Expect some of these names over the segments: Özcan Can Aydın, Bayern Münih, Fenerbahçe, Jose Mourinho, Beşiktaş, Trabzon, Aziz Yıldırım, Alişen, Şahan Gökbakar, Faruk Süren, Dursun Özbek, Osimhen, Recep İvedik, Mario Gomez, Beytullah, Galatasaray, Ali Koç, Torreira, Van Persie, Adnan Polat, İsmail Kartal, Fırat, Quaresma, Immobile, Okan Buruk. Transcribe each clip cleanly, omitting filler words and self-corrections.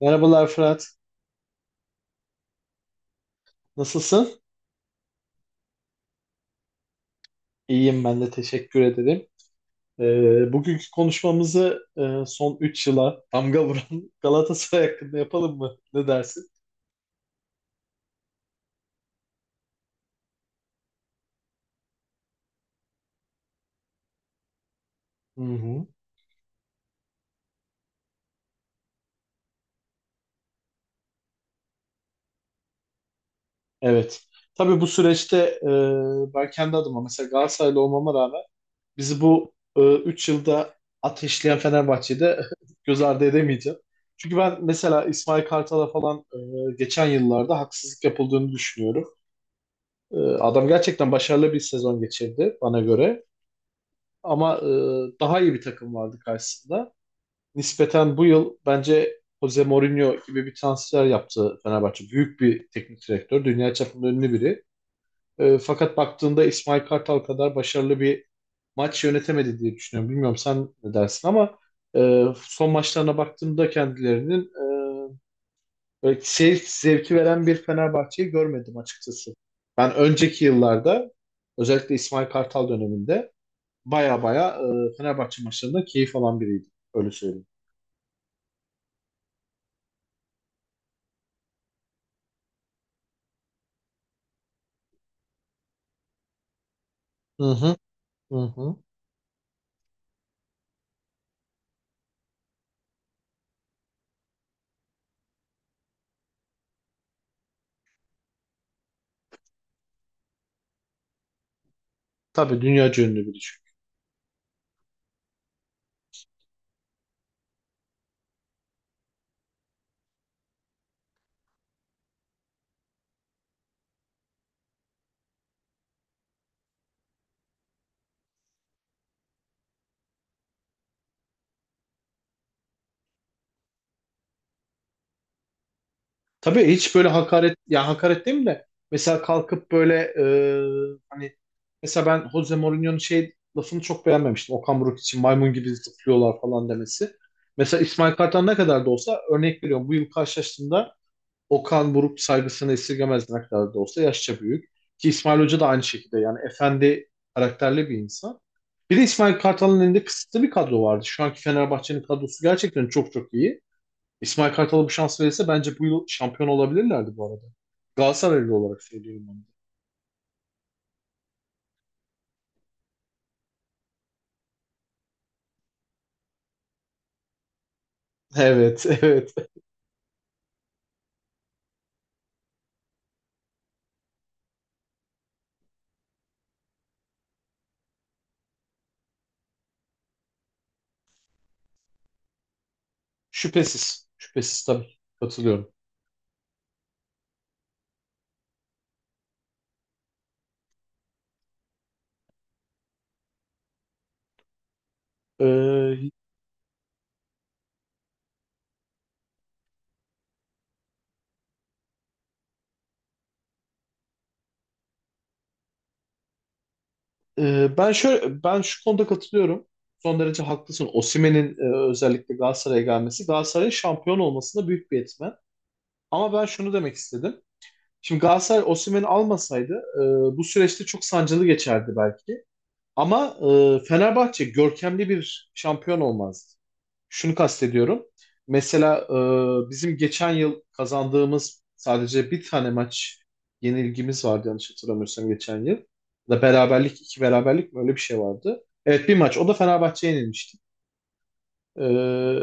Merhabalar Fırat. Nasılsın? İyiyim ben de teşekkür ederim. Bugünkü konuşmamızı son 3 yıla damga vuran Galatasaray hakkında yapalım mı? Ne dersin? Hı hı. Evet. Tabii bu süreçte e, ben kendi adıma mesela Galatasaraylı olmama rağmen bizi bu 3 yılda ateşleyen Fenerbahçe'de göz ardı edemeyeceğim. Çünkü ben mesela İsmail Kartal'a falan geçen yıllarda haksızlık yapıldığını düşünüyorum. Adam gerçekten başarılı bir sezon geçirdi bana göre. Ama daha iyi bir takım vardı karşısında. Nispeten bu yıl bence Jose Mourinho gibi bir transfer yaptı Fenerbahçe. Büyük bir teknik direktör. Dünya çapında ünlü biri. Fakat baktığında İsmail Kartal kadar başarılı bir maç yönetemedi diye düşünüyorum. Bilmiyorum sen ne dersin ama son maçlarına baktığımda kendilerinin e, böyle seyir zevki veren bir Fenerbahçe'yi görmedim açıkçası. Ben önceki yıllarda özellikle İsmail Kartal döneminde baya baya Fenerbahçe maçlarında keyif alan biriydi. Öyle söyleyeyim. Hı hı, hı hı. Tabii dünya ünlü biri çünkü. Tabii hiç böyle hakaret, ya hakaret değil mi de mesela kalkıp böyle hani mesela ben Jose Mourinho'nun şey lafını çok beğenmemiştim. Okan Buruk için maymun gibi zıplıyorlar falan demesi. Mesela İsmail Kartal ne kadar da olsa örnek veriyorum bu yıl karşılaştığında Okan Buruk saygısını esirgemez ne kadar da olsa yaşça büyük. Ki İsmail Hoca da aynı şekilde yani efendi karakterli bir insan. Bir de İsmail Kartal'ın elinde kısıtlı bir kadro vardı. Şu anki Fenerbahçe'nin kadrosu gerçekten çok çok iyi. İsmail Kartal'a bu şans verirse bence bu yıl şampiyon olabilirlerdi bu arada. Galatasaraylı olarak söylüyorum onu. Evet, evet. Şüphesiz. Şüphesiz tabii. Katılıyorum. Ee, ben şu konuda katılıyorum. Son derece haklısın. Osimhen'in özellikle Galatasaray'a gelmesi, Galatasaray'ın şampiyon olmasında büyük bir etmen. Ama ben şunu demek istedim. Şimdi Galatasaray Osimhen'i almasaydı bu süreçte çok sancılı geçerdi belki. Ama Fenerbahçe görkemli bir şampiyon olmazdı. Şunu kastediyorum. Mesela bizim geçen yıl kazandığımız sadece bir tane maç yenilgimiz vardı yanlış hatırlamıyorsam geçen yıl. Ya da beraberlik, iki beraberlik mi öyle bir şey vardı. Evet, bir maç. O da Fenerbahçe'ye yenilmişti. E,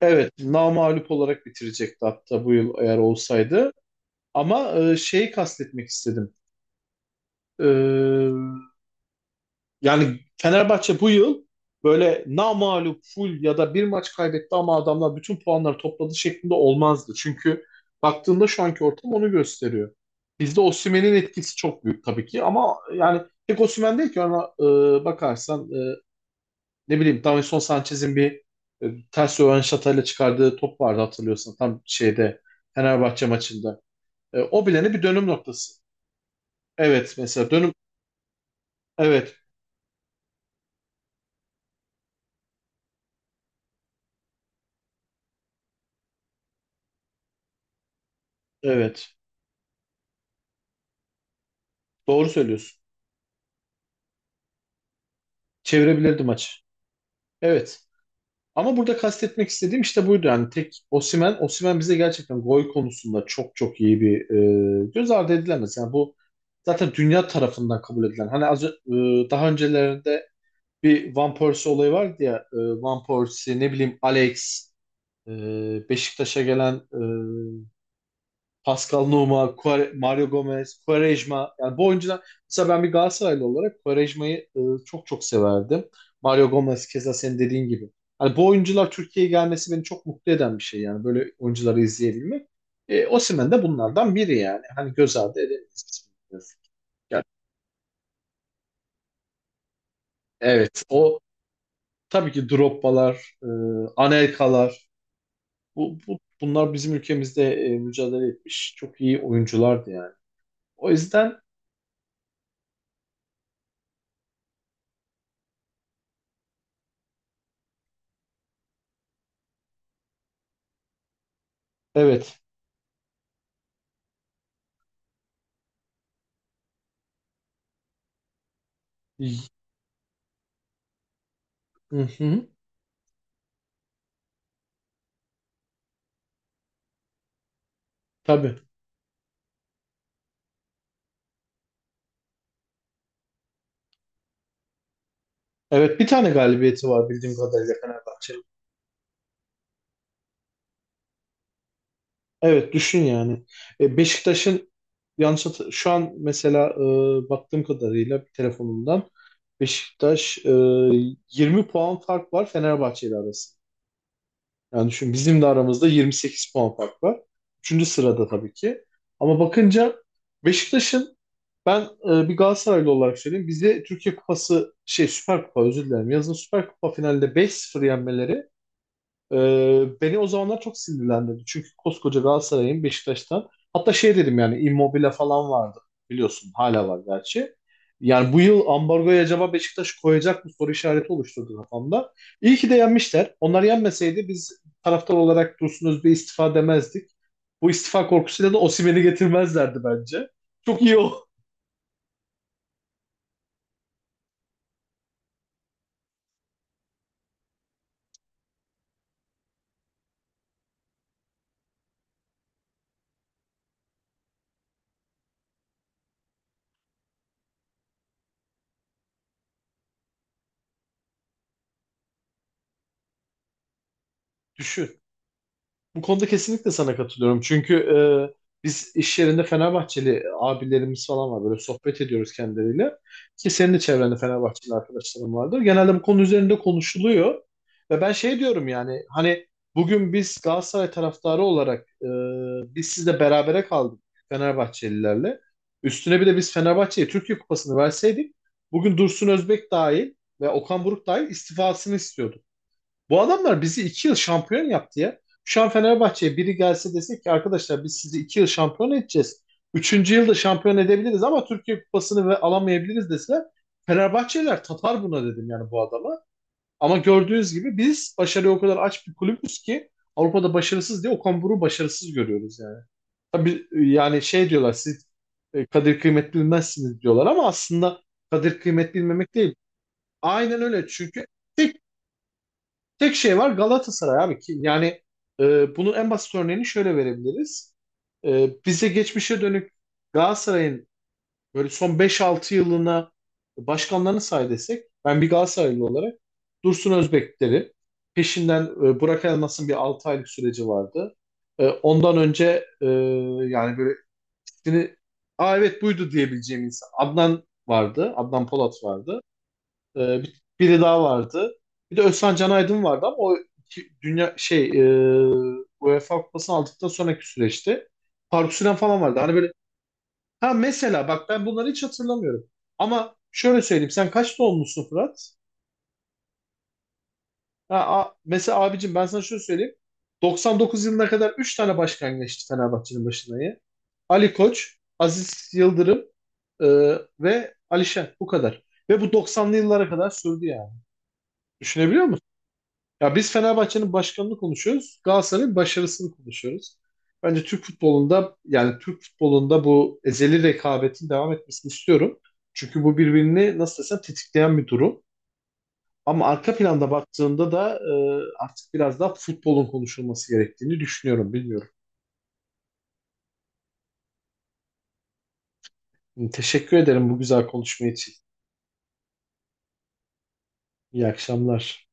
evet, namağlup olarak bitirecekti hatta bu yıl eğer olsaydı. Ama şeyi kastetmek istedim. E, Yani Fenerbahçe bu yıl böyle namağlup full ya da bir maç kaybetti ama adamlar bütün puanları topladı şeklinde olmazdı. Çünkü baktığında şu anki ortam onu gösteriyor. Bizde Osimhen'in etkisi çok büyük tabii ki ama yani tek Osimhen değil ki ona bakarsan ne bileyim Davinson Sanchez'in bir ters rövanşatayla çıkardığı top vardı hatırlıyorsan tam şeyde Fenerbahçe maçında. O bilene bir dönüm noktası. Evet, mesela dönüm. Evet, evet, doğru söylüyorsun. Çevirebilirdi maçı. Evet. Ama burada kastetmek istediğim işte buydu. Yani tek Osimhen, Osimhen bize gerçekten gol konusunda çok çok iyi bir göz ardı edilemez. Yani bu zaten dünya tarafından kabul edilen. Hani az, daha öncelerinde bir Van Persie olayı vardı ya. Van Persie, ne bileyim Alex, Beşiktaş'a gelen Pascal Nouma, Mario Gomez, Quaresma. Yani bu oyuncular mesela ben bir Galatasaraylı olarak Quaresma'yı çok çok severdim. Mario Gomez keza senin dediğin gibi. Hani bu oyuncular Türkiye'ye gelmesi beni çok mutlu eden bir şey yani böyle oyuncuları izleyebilmek. Osimhen de bunlardan biri yani. Hani göz ardı edemeyiz biz. Yani, evet o tabii ki Drogba'lar, Anelka'lar, bunlar bizim ülkemizde mücadele etmiş çok iyi oyunculardı yani. O yüzden evet. Hı hı. Tabii. Evet, bir tane galibiyeti var bildiğim kadarıyla Fenerbahçe'nin. Evet düşün yani. E, Beşiktaş'ın şu an mesela baktığım kadarıyla telefonumdan Beşiktaş 20 puan fark var Fenerbahçe ile arasında. Yani düşün bizim de aramızda 28 puan fark var. Üçüncü sırada tabii ki. Ama bakınca Beşiktaş'ın ben bir Galatasaraylı olarak söyleyeyim. Bize Türkiye Kupası, şey, Süper Kupa, özür dilerim. Yazın Süper Kupa finalinde beş 0 yenmeleri beni o zamanlar çok sinirlendirdi. Çünkü koskoca Galatasaray'ın Beşiktaş'tan hatta şey dedim yani Immobile falan vardı. Biliyorsun hala var gerçi. Yani bu yıl ambargoya acaba Beşiktaş koyacak mı soru işareti oluşturdu kafamda. İyi ki de yenmişler. Onlar yenmeseydi biz taraftar olarak Dursun Özbek'e istifa demezdik. Bu istifa korkusuyla da Osimhen'i getirmezlerdi bence. Çok iyi o. Düşün. Bu konuda kesinlikle sana katılıyorum. Çünkü biz iş yerinde Fenerbahçeli abilerimiz falan var. Böyle sohbet ediyoruz kendileriyle. Ki senin de çevrende Fenerbahçeli arkadaşların vardır. Genelde bu konu üzerinde konuşuluyor. Ve ben şey diyorum yani hani bugün biz Galatasaray taraftarı olarak biz sizle berabere kaldık Fenerbahçelilerle. Üstüne bir de biz Fenerbahçe'ye Türkiye Kupası'nı verseydik bugün Dursun Özbek dahil ve Okan Buruk dahil istifasını istiyorduk. Bu adamlar bizi iki yıl şampiyon yaptı ya. Şu an Fenerbahçe'ye biri gelse desek ki arkadaşlar biz sizi iki yıl şampiyon edeceğiz. Üçüncü yılda şampiyon edebiliriz ama Türkiye Kupası'nı ve alamayabiliriz deseler Fenerbahçeliler tatar buna dedim yani bu adama. Ama gördüğünüz gibi biz başarıya o kadar aç bir kulübüz ki Avrupa'da başarısız diye Okan Buruk'u başarısız görüyoruz yani. Tabii yani şey diyorlar siz kadir kıymet bilmezsiniz diyorlar ama aslında kadir kıymet bilmemek değil. Aynen öyle çünkü tek şey var Galatasaray abi ki yani, bunun en basit örneğini şöyle verebiliriz. Bize geçmişe dönük Galatasaray'ın böyle son beş altı yılına başkanlarını say desek ben bir Galatasaraylı olarak Dursun Özbekleri peşinden Burak Elmas'ın bir 6 aylık süreci vardı. Ondan önce yani böyle ismini aa evet buydu diyebileceğim insan. Adnan vardı. Adnan Polat vardı. Biri daha vardı. Bir de Özcan Can Aydın vardı ama o dünya şey UEFA Kupası'nı aldıktan sonraki süreçte Faruk Süren falan vardı. Hani böyle ha, mesela bak ben bunları hiç hatırlamıyorum. Ama şöyle söyleyeyim sen kaç doğumlusun Fırat? Ha, mesela abicim ben sana şöyle söyleyeyim. 99 yılına kadar 3 tane başkan geçti Fenerbahçe'nin başına ya. Ali Koç, Aziz Yıldırım e, ve Alişen bu kadar. Ve bu 90'lı yıllara kadar sürdü yani. Düşünebiliyor musun? Ya biz Fenerbahçe'nin başkanını konuşuyoruz. Galatasaray'ın başarısını konuşuyoruz. Bence Türk futbolunda yani Türk futbolunda bu ezeli rekabetin devam etmesini istiyorum. Çünkü bu birbirini nasıl desem tetikleyen bir durum. Ama arka planda baktığında da artık biraz daha futbolun konuşulması gerektiğini düşünüyorum. Bilmiyorum. Teşekkür ederim bu güzel konuşma için. İyi akşamlar.